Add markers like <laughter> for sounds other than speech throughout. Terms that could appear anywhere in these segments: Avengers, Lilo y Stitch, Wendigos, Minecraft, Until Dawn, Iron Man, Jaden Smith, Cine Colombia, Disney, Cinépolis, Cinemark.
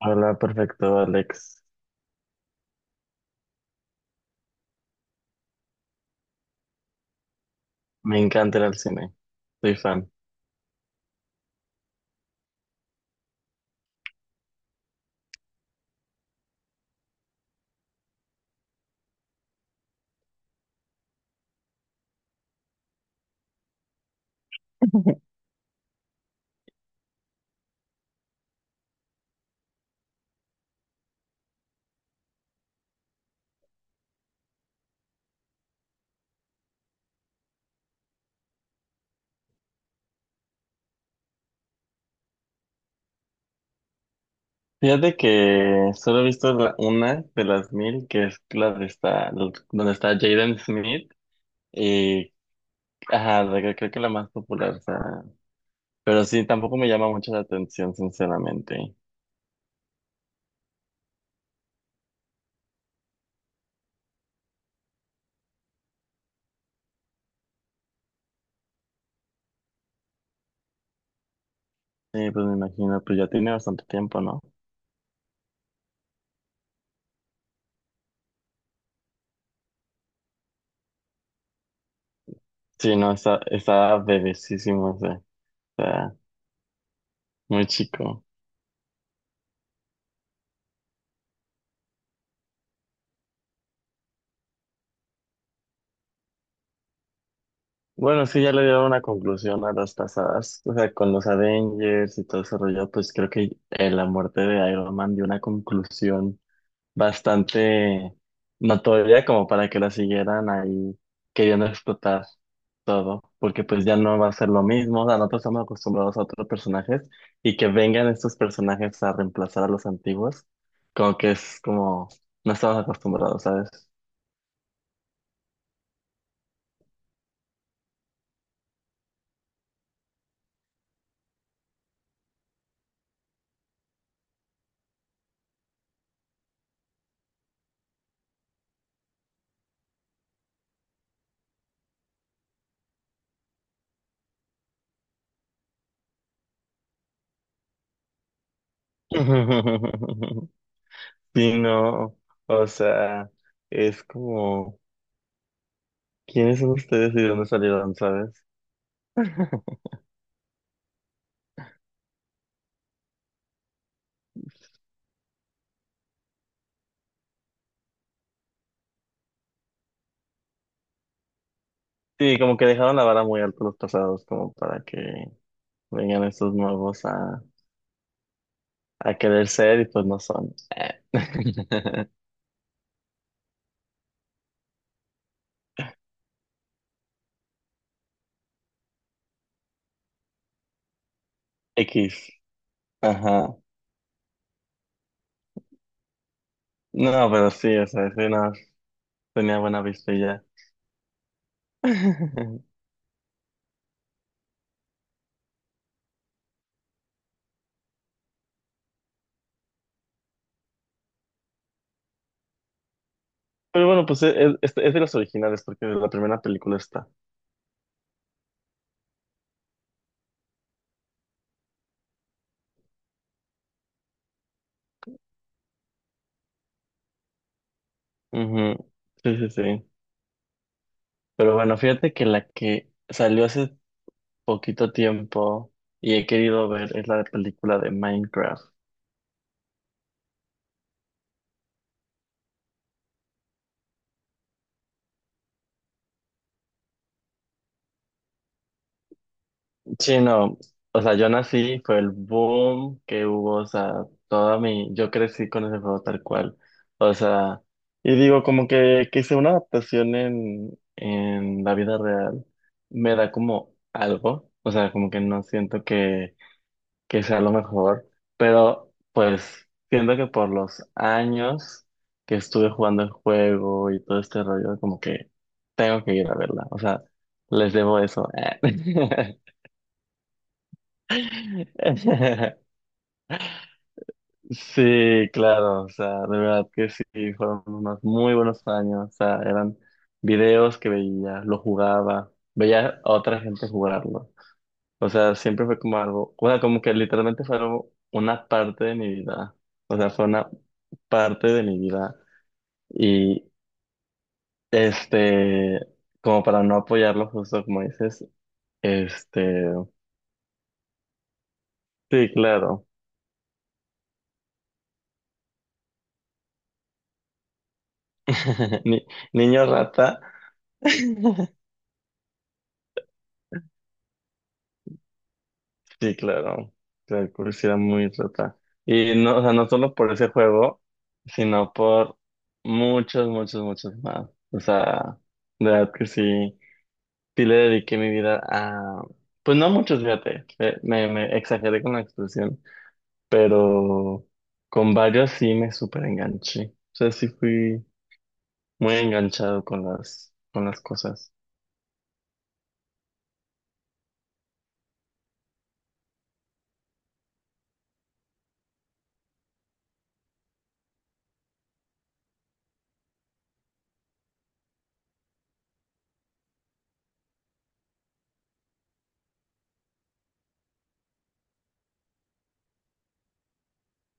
Hola, perfecto, Alex. Me encanta ir al cine. Soy fan. Fíjate que solo he visto una de las mil, que es la de esta, donde está Jaden Smith. Y, ajá, creo que la más popular. O sea, pero sí, tampoco me llama mucho la atención, sinceramente. Sí, pues me imagino, pues ya tiene bastante tiempo, ¿no? Sí, no, está bebecísimo, o sea, está muy chico. Bueno, sí, ya le dieron una conclusión a las pasadas. O sea, con los Avengers y todo ese rollo, pues creo que la muerte de Iron Man dio una conclusión bastante notoria como para que la siguieran ahí queriendo explotar todo, porque pues ya no va a ser lo mismo. O sea, nosotros estamos acostumbrados a otros personajes y que vengan estos personajes a reemplazar a los antiguos, como que es como no estamos acostumbrados, ¿sabes? <laughs> Sí, no, o sea, es como, ¿quiénes son ustedes y de dónde salieron, sabes? <laughs> Sí, como que dejaron la vara muy alta los pasados, como para que vengan estos nuevos a querer ser y pues no son. <laughs> X, ajá. No, pero sí, o sea, sí, no, tenía buena vista y ya. <laughs> Pero bueno, pues es de los originales, porque de la primera película está. Ujú. Sí, sí, sí. Pero bueno, fíjate que la que salió hace poquito tiempo y he querido ver es la película de Minecraft. Sí, no, o sea, yo nací, fue el boom que hubo, o sea, toda mi, yo crecí con ese juego tal cual, o sea, y digo, como que hice una adaptación en la vida real, me da como algo, o sea, como que no siento que sea lo mejor, pero pues siento que por los años que estuve jugando el juego y todo este rollo, como que tengo que ir a verla, o sea, les debo eso. <laughs> Sí, claro, o sea, de verdad que sí, fueron unos muy buenos años, o sea, eran videos que veía, lo jugaba, veía a otra gente jugarlo. O sea, siempre fue como algo, o sea, como que literalmente fue una parte de mi vida. O sea, fue una parte de mi vida. Y este, como para no apoyarlo justo como dices, este, sí, claro. <laughs> Ni- niño rata. <laughs> Sí, claro. La era muy rata. Y no, o sea, no solo por ese juego, sino por muchos, muchos, muchos más. O sea, de verdad que sí. Sí le dediqué mi vida a, pues no muchos, fíjate, me exageré con la expresión, pero con varios sí me súper enganché. O sea, sí fui muy enganchado con las cosas.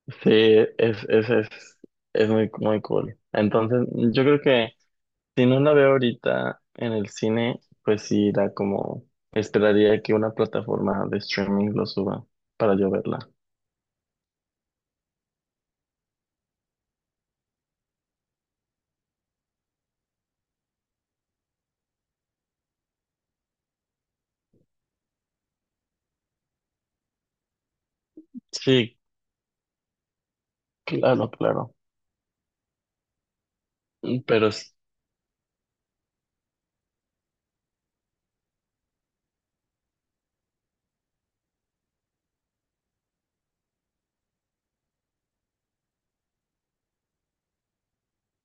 Sí, es, es, es, es muy, muy cool. Entonces, yo creo que si no la veo ahorita en el cine, pues sí irá como, esperaría que una plataforma de streaming lo suba para yo verla. Sí, claro, claro. Pero sí.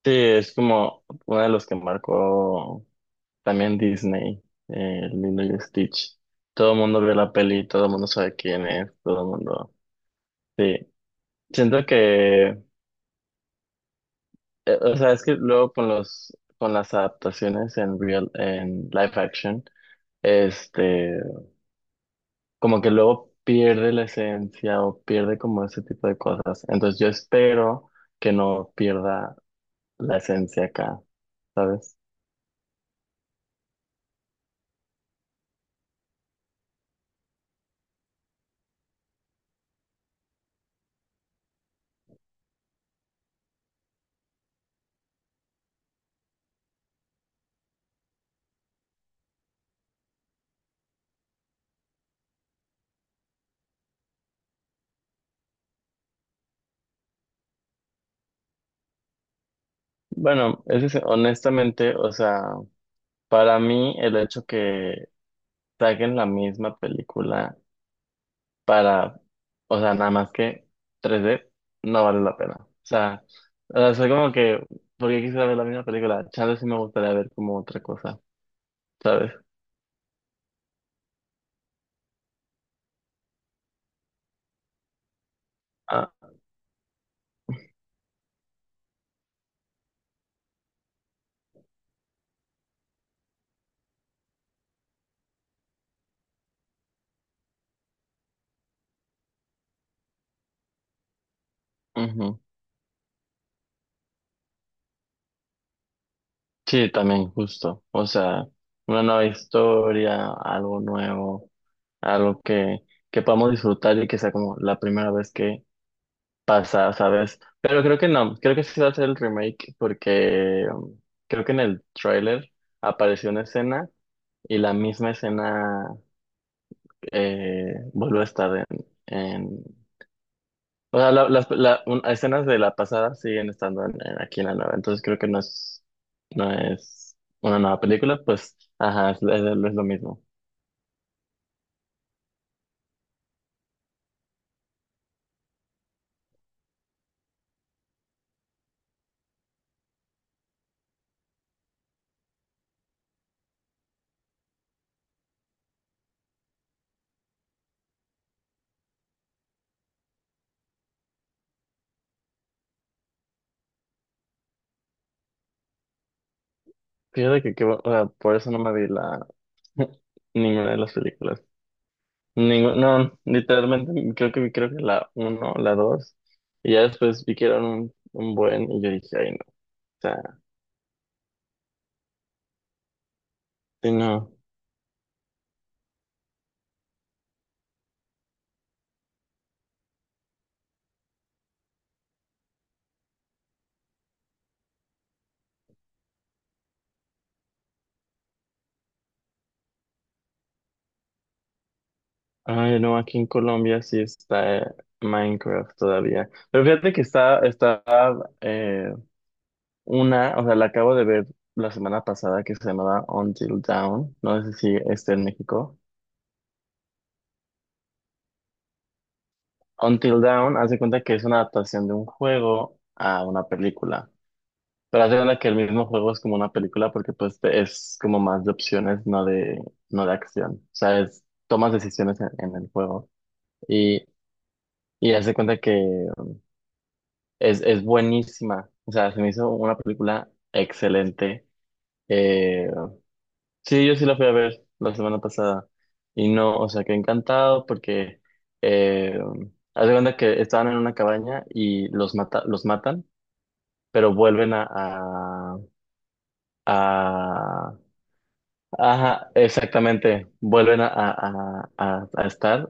Sí, es como uno de los que marcó también Disney, Lilo y Stitch. Todo el mundo vio la peli, todo el mundo sabe quién es, todo el mundo. Sí, siento que, o sea, es que luego con las adaptaciones en real, en live action, este, como que luego pierde la esencia o pierde como ese tipo de cosas. Entonces yo espero que no pierda la esencia acá, ¿sabes? Bueno, es que honestamente, o sea, para mí el hecho que saquen la misma película para, o sea, nada más que 3D, no vale la pena. O sea, soy como que, porque quisiera ver la misma película, chance sí me gustaría ver como otra cosa, ¿sabes? Ah, ujú. Sí, también, justo. O sea, una nueva historia, algo nuevo, algo que podamos disfrutar y que sea como la primera vez que pasar, ¿sabes? Pero creo que no, creo que sí va a ser el remake porque creo que en el tráiler apareció una escena y la misma escena vuelve a estar en- O sea, escenas de la pasada siguen estando aquí en la nueva, entonces creo que no es, una nueva película, pues, ajá, es lo mismo. Fíjate o sea, por eso no me vi la, <laughs> ninguna de las películas. No, literalmente creo que la uno, la dos, y ya después vi que eran un buen, y yo dije, ay no, o sea, sí, no, ay no, aquí en Colombia sí está Minecraft todavía. Pero fíjate que está eh, una, o sea, la acabo de ver la semana pasada que se llamaba Until Dawn, no sé si está en México. Until Dawn, hace cuenta que es una adaptación de un juego a una película. Pero hace cuenta que el mismo juego es como una película porque pues es como más de opciones, no de acción. O sea, tomas decisiones en el juego y, y hace cuenta que es buenísima. O sea, se me hizo una película excelente. Eh, sí, yo sí la fui a ver la semana pasada y no, o sea, que encantado porque eh, haz de cuenta que estaban en una cabaña y los matan, pero vuelven a. Ajá, exactamente. Vuelven a estar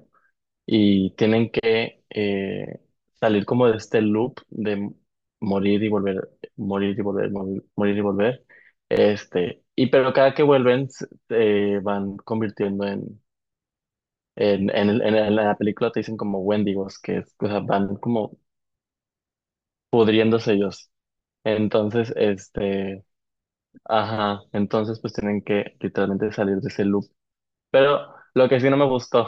y tienen que salir como de este loop de morir y volver, morir y volver, morir y volver. Y pero cada que vuelven se van convirtiendo en la película te dicen como Wendigos, que es, o sea, van como pudriéndose ellos. Entonces, ajá, entonces pues tienen que literalmente salir de ese loop. Pero lo que sí no me gustó,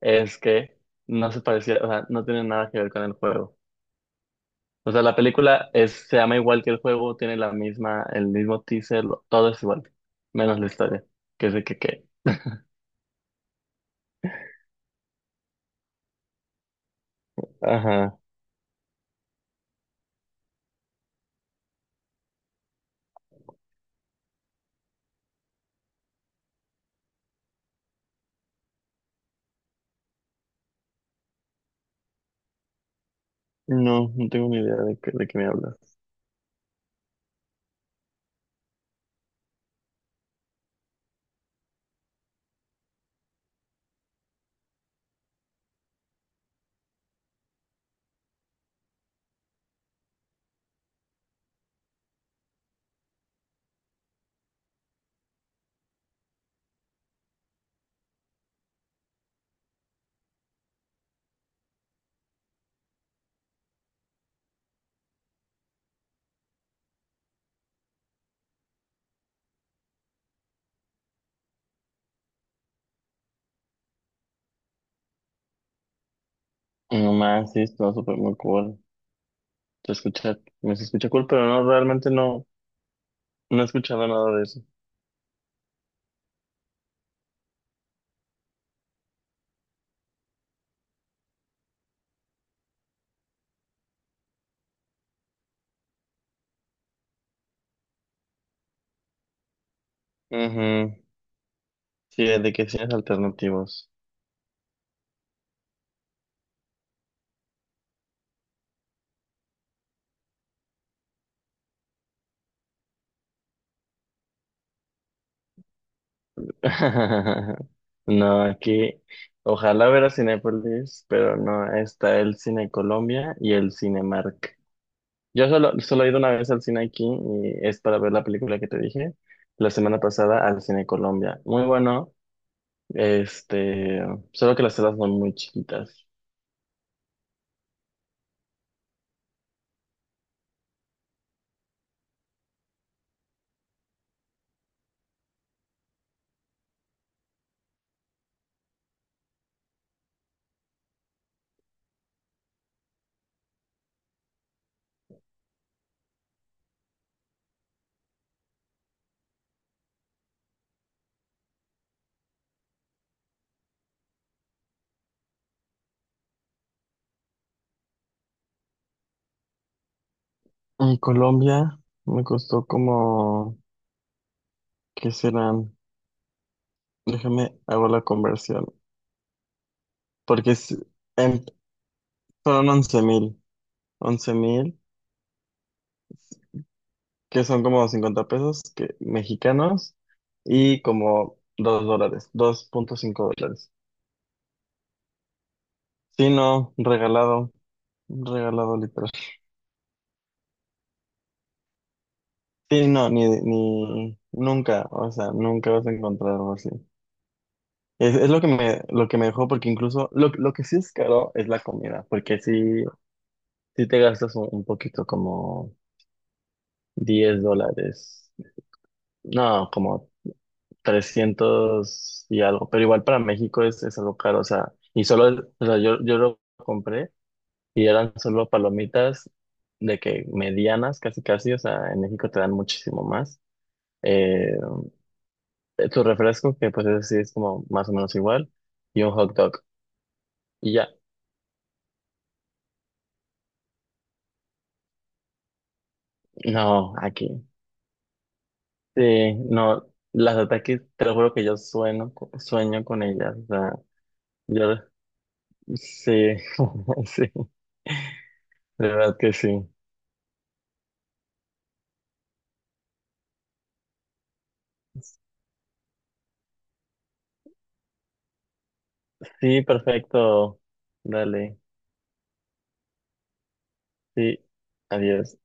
es que no se parecía, o sea, no tiene nada que ver con el juego. O sea, la película es, se llama igual que el juego, tiene la misma, el mismo teaser, todo es igual, menos la historia, que es de que, ajá, no, no tengo ni idea de qué me hablas. No más, sí, está súper muy cool. Se escucha, me se escucha cool, pero no, realmente no, no he escuchado nada de eso. Ujú. Sí, de que cines alternativos. <laughs> No, aquí ojalá ver a Cinépolis, pero no, está el Cine Colombia y el Cinemark. Yo solo he ido una vez al cine aquí y es para ver la película que te dije la semana pasada al Cine Colombia. Muy bueno, este, solo que las salas son muy chiquitas. En Colombia me costó como, ¿qué serán? Déjame, hago la conversión, porque es, en- fueron 11 mil, 11.000. Que son como $50 mexicanos y como $2, $2,5. Sí, no, regalado, regalado literal. Sí, no, ni nunca, o sea, nunca vas a encontrar algo así. Es lo que me dejó, porque incluso lo que sí es caro es la comida, porque sí, sí te gastas un poquito como $10, no, como 300 y algo, pero igual para México es algo caro, o sea, y solo, o sea, yo lo compré y eran solo palomitas de que medianas, casi casi, o sea, en México te dan muchísimo más. Eh, tu refresco, que pues ese sí es como más o menos igual, y un hot dog. Y ya, no, aquí. Sí, no, las ataques, te lo juro que yo sueño, con ellas, o sea, yo, sí, <laughs> sí, de verdad que sí. Sí, perfecto. Dale. Sí. Adiós.